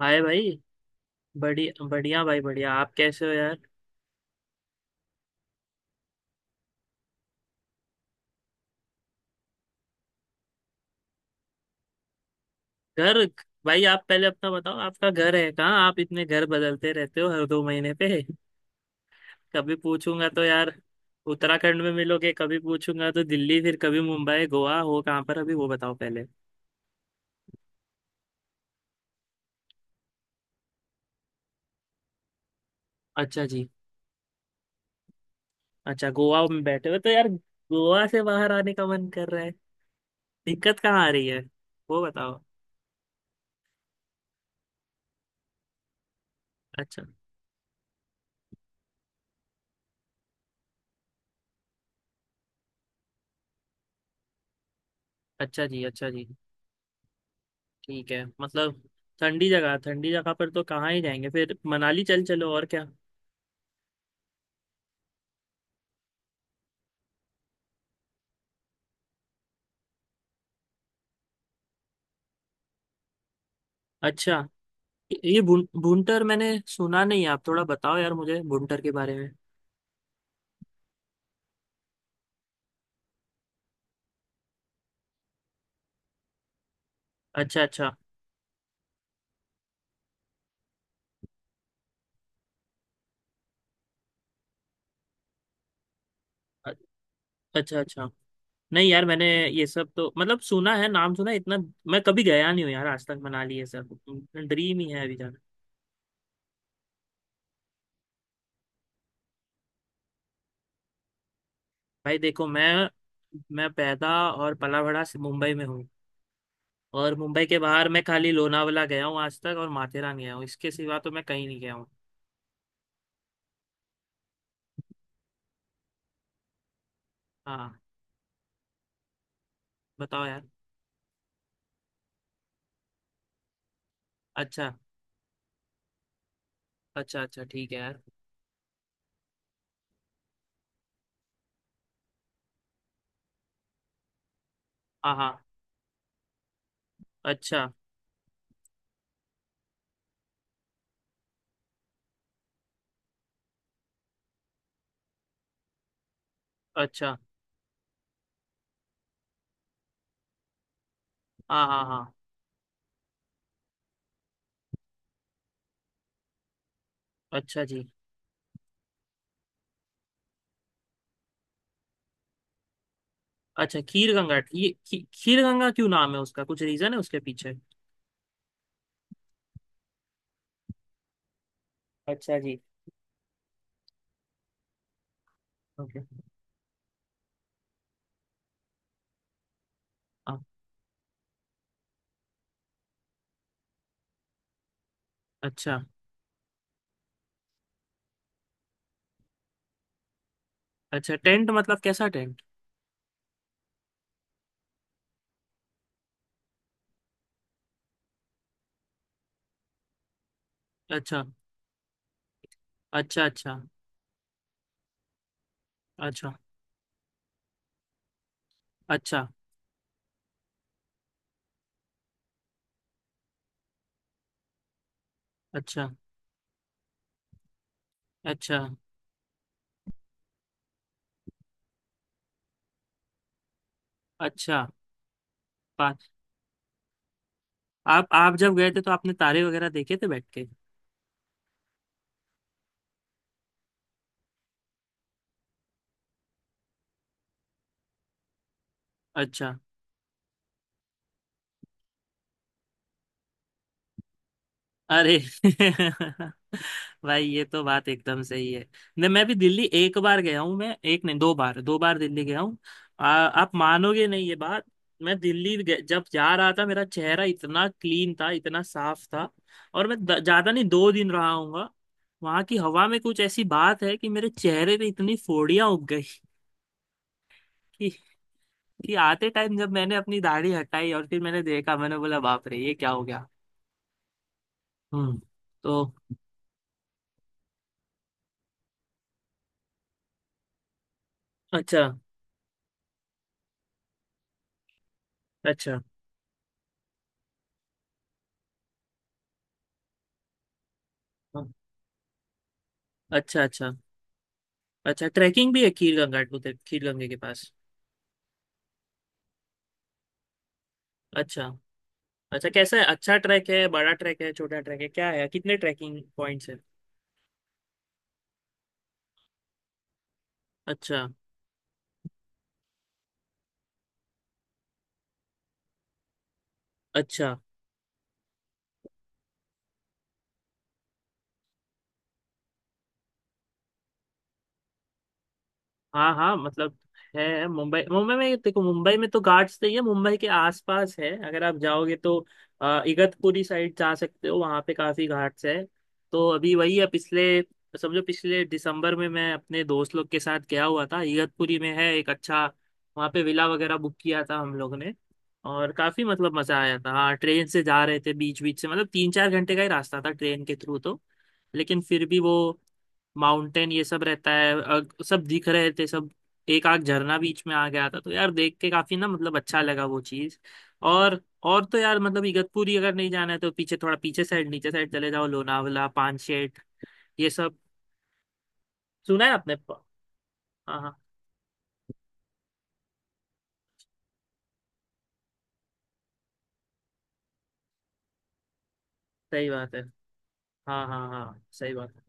हाय भाई। बढ़िया बढ़िया भाई बढ़िया, आप कैसे हो यार। घर भाई आप पहले अपना बताओ, आपका घर है कहाँ? आप इतने घर बदलते रहते हो हर 2 महीने पे कभी पूछूंगा तो यार उत्तराखंड में मिलोगे, कभी पूछूंगा तो दिल्ली, फिर कभी मुंबई, गोवा। हो कहाँ पर अभी, वो बताओ पहले। अच्छा जी। अच्छा गोवा में बैठे हो तो यार गोवा से बाहर आने का मन कर रहा है? दिक्कत कहाँ आ रही है, वो बताओ। अच्छा। अच्छा जी, अच्छा जी, ठीक है। मतलब ठंडी जगह, ठंडी जगह पर तो कहाँ ही जाएंगे फिर? मनाली चल चलो, और क्या। अच्छा। ये भुंटर मैंने सुना नहीं है, आप थोड़ा बताओ यार मुझे भुंटर के बारे में। अच्छा अच्छा अ- अच्छा अच्छा। नहीं यार मैंने ये सब तो मतलब सुना है, नाम सुना है, इतना। मैं कभी गया नहीं हूँ यार आज तक मनाली ये सब, ड्रीम ही है अभी जाना। भाई देखो मैं पैदा और पला बड़ा से मुंबई में हूँ। और मुंबई के बाहर मैं खाली लोनावला गया हूँ आज तक, और माथेरान गया हूँ। इसके सिवा तो मैं कहीं नहीं गया हूँ। हाँ। बताओ यार। अच्छा। अच्छा अच्छा ठीक है यार। हाँ हाँ। अच्छा अच्छा। हाँ हाँ हाँ। अच्छा जी। अच्छा खीर गंगा, ये खीर गंगा क्यों नाम है उसका? कुछ रीजन है उसके पीछे? अच्छा जी। ओके। हाँ। अच्छा। अच्छा टेंट मतलब कैसा टेंट? अच्छा। अच्छा। अच्छा। अच्छा। अच्छा। अच्छा। अच्छा। अच्छा। पा- आप जब गए थे तो आपने तारे वगैरह देखे थे बैठ के? अच्छा। अरे भाई ये तो बात एकदम सही है। नहीं, मैं भी दिल्ली एक बार गया हूँ। मैं एक नहीं, 2 बार, 2 बार दिल्ली गया हूँ। आप मानोगे नहीं ये बात। मैं दिल्ली जब जा रहा था, मेरा चेहरा इतना क्लीन था, इतना साफ था। और मैं ज्यादा नहीं, 2 दिन रहा हूँगा। वहां की हवा में कुछ ऐसी बात है कि मेरे चेहरे पे इतनी फोड़ियां उग गई कि, कि आते टाइम जब मैंने अपनी दाढ़ी हटाई और फिर मैंने देखा, मैंने बोला बाप रे ये क्या हो गया। हम्म। तो अच्छा अच्छा। अच्छा। अच्छा। अच्छा ट्रैकिंग भी है खीर गंगा उधर, खीर गंगे के पास? अच्छा। अच्छा कैसा है? अच्छा ट्रैक है? बड़ा ट्रैक है, छोटा ट्रैक है, क्या है? कितने ट्रैकिंग पॉइंट्स है? अच्छा। अच्छा। हाँ हाँ। मतलब है मुंबई, मुंबई में देखो मुंबई में तो घाट्स नहीं है, मुंबई के आसपास है। अगर आप जाओगे तो इगतपुरी साइड जा सकते हो, वहाँ पे काफी घाट्स है। तो अभी वही है पिछले, समझो पिछले दिसंबर में मैं अपने दोस्त लोग के साथ गया हुआ था, इगतपुरी में है एक अच्छा, वहाँ पे विला वगैरह बुक किया था हम लोग ने। और काफी मतलब मजा आया था। हाँ ट्रेन से जा रहे थे बीच बीच से, मतलब 3-4 घंटे का ही रास्ता था ट्रेन के थ्रू तो। लेकिन फिर भी वो माउंटेन ये सब रहता है, सब दिख रहे थे सब। एक आग झरना बीच में आ गया था तो यार देख के काफी ना मतलब अच्छा लगा वो चीज। और तो यार मतलब इगतपुरी अगर नहीं जाना है तो पीछे, थोड़ा पीछे साइड, नीचे साइड चले जाओ लोनावला, पानशेट, ये सब। सुना है आपने हाँ हाँ सही बात है। हाँ हाँ हाँ सही बात है।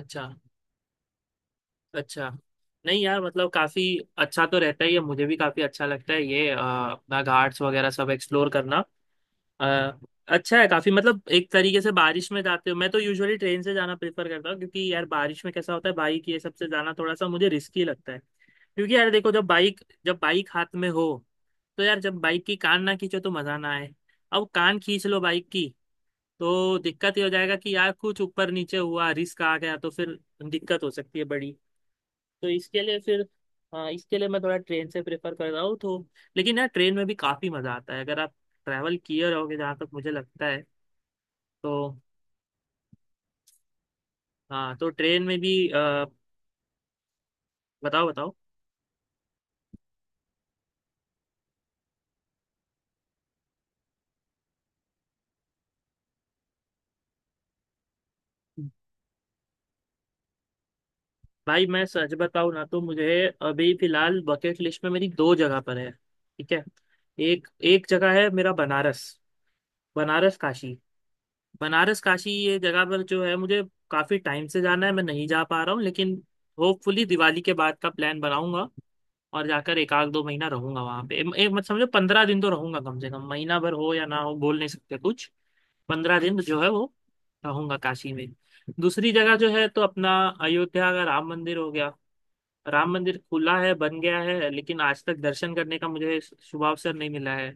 अच्छा अच्छा। नहीं यार मतलब काफी अच्छा तो रहता ही है, मुझे भी काफी अच्छा लगता है ये अपना घाट्स वगैरह सब एक्सप्लोर करना। आ, अच्छा है काफी, मतलब एक तरीके से। बारिश में जाते हो मैं तो यूजुअली ट्रेन से जाना प्रेफर करता हूँ, क्योंकि यार बारिश में कैसा होता है बाइक ये सबसे जाना थोड़ा सा मुझे रिस्की लगता है, क्योंकि यार देखो जब बाइक, जब बाइक हाथ में हो तो यार जब बाइक की कान ना खींचो तो मजा ना आए। अब कान खींच लो बाइक की तो दिक्कत ये हो जाएगा कि यार कुछ ऊपर नीचे हुआ, रिस्क आ गया तो फिर दिक्कत हो सकती है बड़ी। तो इसके लिए फिर, हाँ इसके लिए मैं थोड़ा ट्रेन से प्रेफर कर रहा हूँ तो। लेकिन यार ट्रेन में भी काफ़ी मज़ा आता है अगर आप ट्रैवल किए रहोगे, जहाँ तक मुझे लगता है। तो हाँ तो ट्रेन में भी बताओ बताओ। भाई मैं सच बताऊँ ना तो मुझे अभी फिलहाल बकेट लिस्ट में मेरी 2 जगह पर है, ठीक है। एक एक जगह है मेरा बनारस, बनारस काशी। बनारस काशी ये जगह पर जो है मुझे काफ़ी टाइम से जाना है, मैं नहीं जा पा रहा हूँ लेकिन होपफुली दिवाली के बाद का प्लान बनाऊंगा और जाकर एक आध 2 महीना रहूंगा वहां पे। एक एक मत समझो, 15 दिन तो रहूंगा कम से कम, महीना भर हो या ना हो बोल नहीं सकते कुछ। 15 दिन जो है वो रहूंगा काशी में। दूसरी जगह जो है तो अपना अयोध्या का राम मंदिर हो गया। राम मंदिर खुला है, बन गया है लेकिन आज तक दर्शन करने का मुझे शुभ अवसर नहीं मिला है।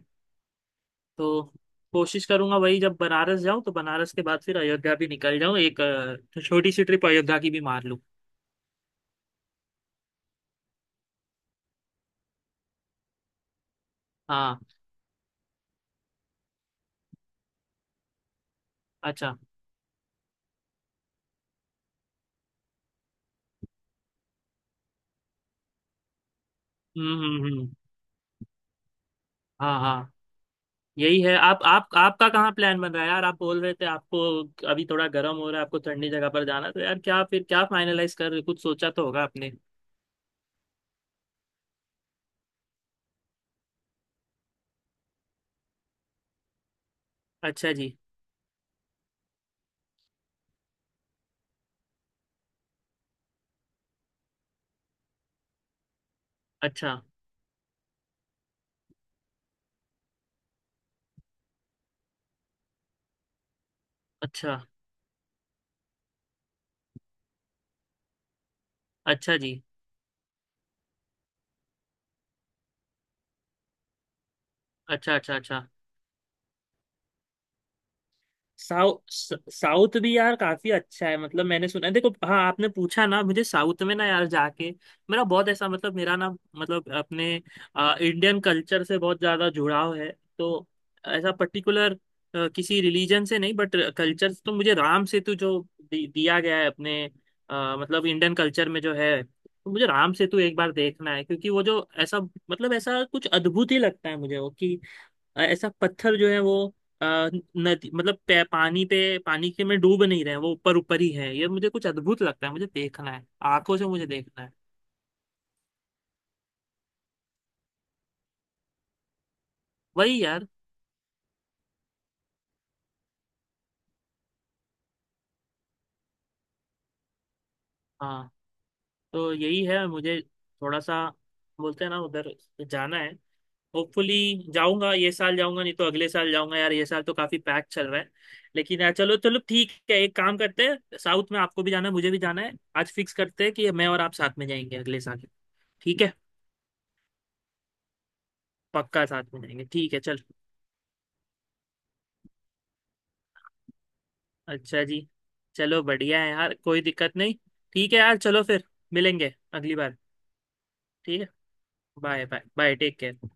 तो कोशिश करूंगा, वही जब बनारस जाऊं तो बनारस के बाद फिर अयोध्या भी निकल जाऊं, एक छोटी सी ट्रिप अयोध्या की भी मार लूं। हाँ। अच्छा। हम्म। हाँ हाँ। यही है, आप आपका कहाँ प्लान बन रहा है यार? आप बोल रहे थे आपको अभी थोड़ा गर्म हो रहा है, आपको ठंडी जगह पर जाना है, तो यार क्या फिर, क्या फाइनलाइज कर कुछ सोचा तो होगा आपने। अच्छा जी। अच्छा। अच्छा। अच्छा जी। अच्छा। अच्छा। अच्छा। साउथ, साउथ भी यार काफी अच्छा है मतलब मैंने सुना है। देखो, हाँ आपने पूछा ना मुझे, साउथ में ना यार जाके, मेरा बहुत ऐसा मतलब, मेरा ना मतलब अपने इंडियन कल्चर से बहुत ज्यादा जुड़ाव है। तो ऐसा पर्टिकुलर किसी रिलीजन से नहीं, बट कल्चर, तो मुझे राम सेतु जो दिया गया है अपने, मतलब इंडियन कल्चर में जो है, तो मुझे राम सेतु एक बार देखना है, क्योंकि वो जो ऐसा, मतलब ऐसा कुछ अद्भुत ही लगता है मुझे वो, कि ऐसा पत्थर जो है वो, अ, नदी मतलब पानी पे, पानी के में डूब नहीं रहे, वो ऊपर ऊपर ही है, ये मुझे कुछ अद्भुत लगता है, मुझे देखना है। आंखों से मुझे देखना है। वही यार। हाँ तो यही है मुझे, थोड़ा सा बोलते हैं ना उधर जाना है होपफुली। जाऊंगा, ये साल जाऊंगा नहीं तो अगले साल जाऊंगा यार, ये साल तो काफी पैक चल रहा है। लेकिन यार चलो चलो ठीक है, एक काम करते हैं, साउथ में आपको भी जाना है, मुझे भी जाना है, आज फिक्स करते हैं कि मैं और आप साथ में जाएंगे अगले साल। ठीक है। पक्का साथ में जाएंगे, ठीक है चल। अच्छा जी। चलो बढ़िया है यार, कोई दिक्कत नहीं। ठीक है यार चलो फिर, मिलेंगे अगली बार। ठीक है। Bye bye, bye take care.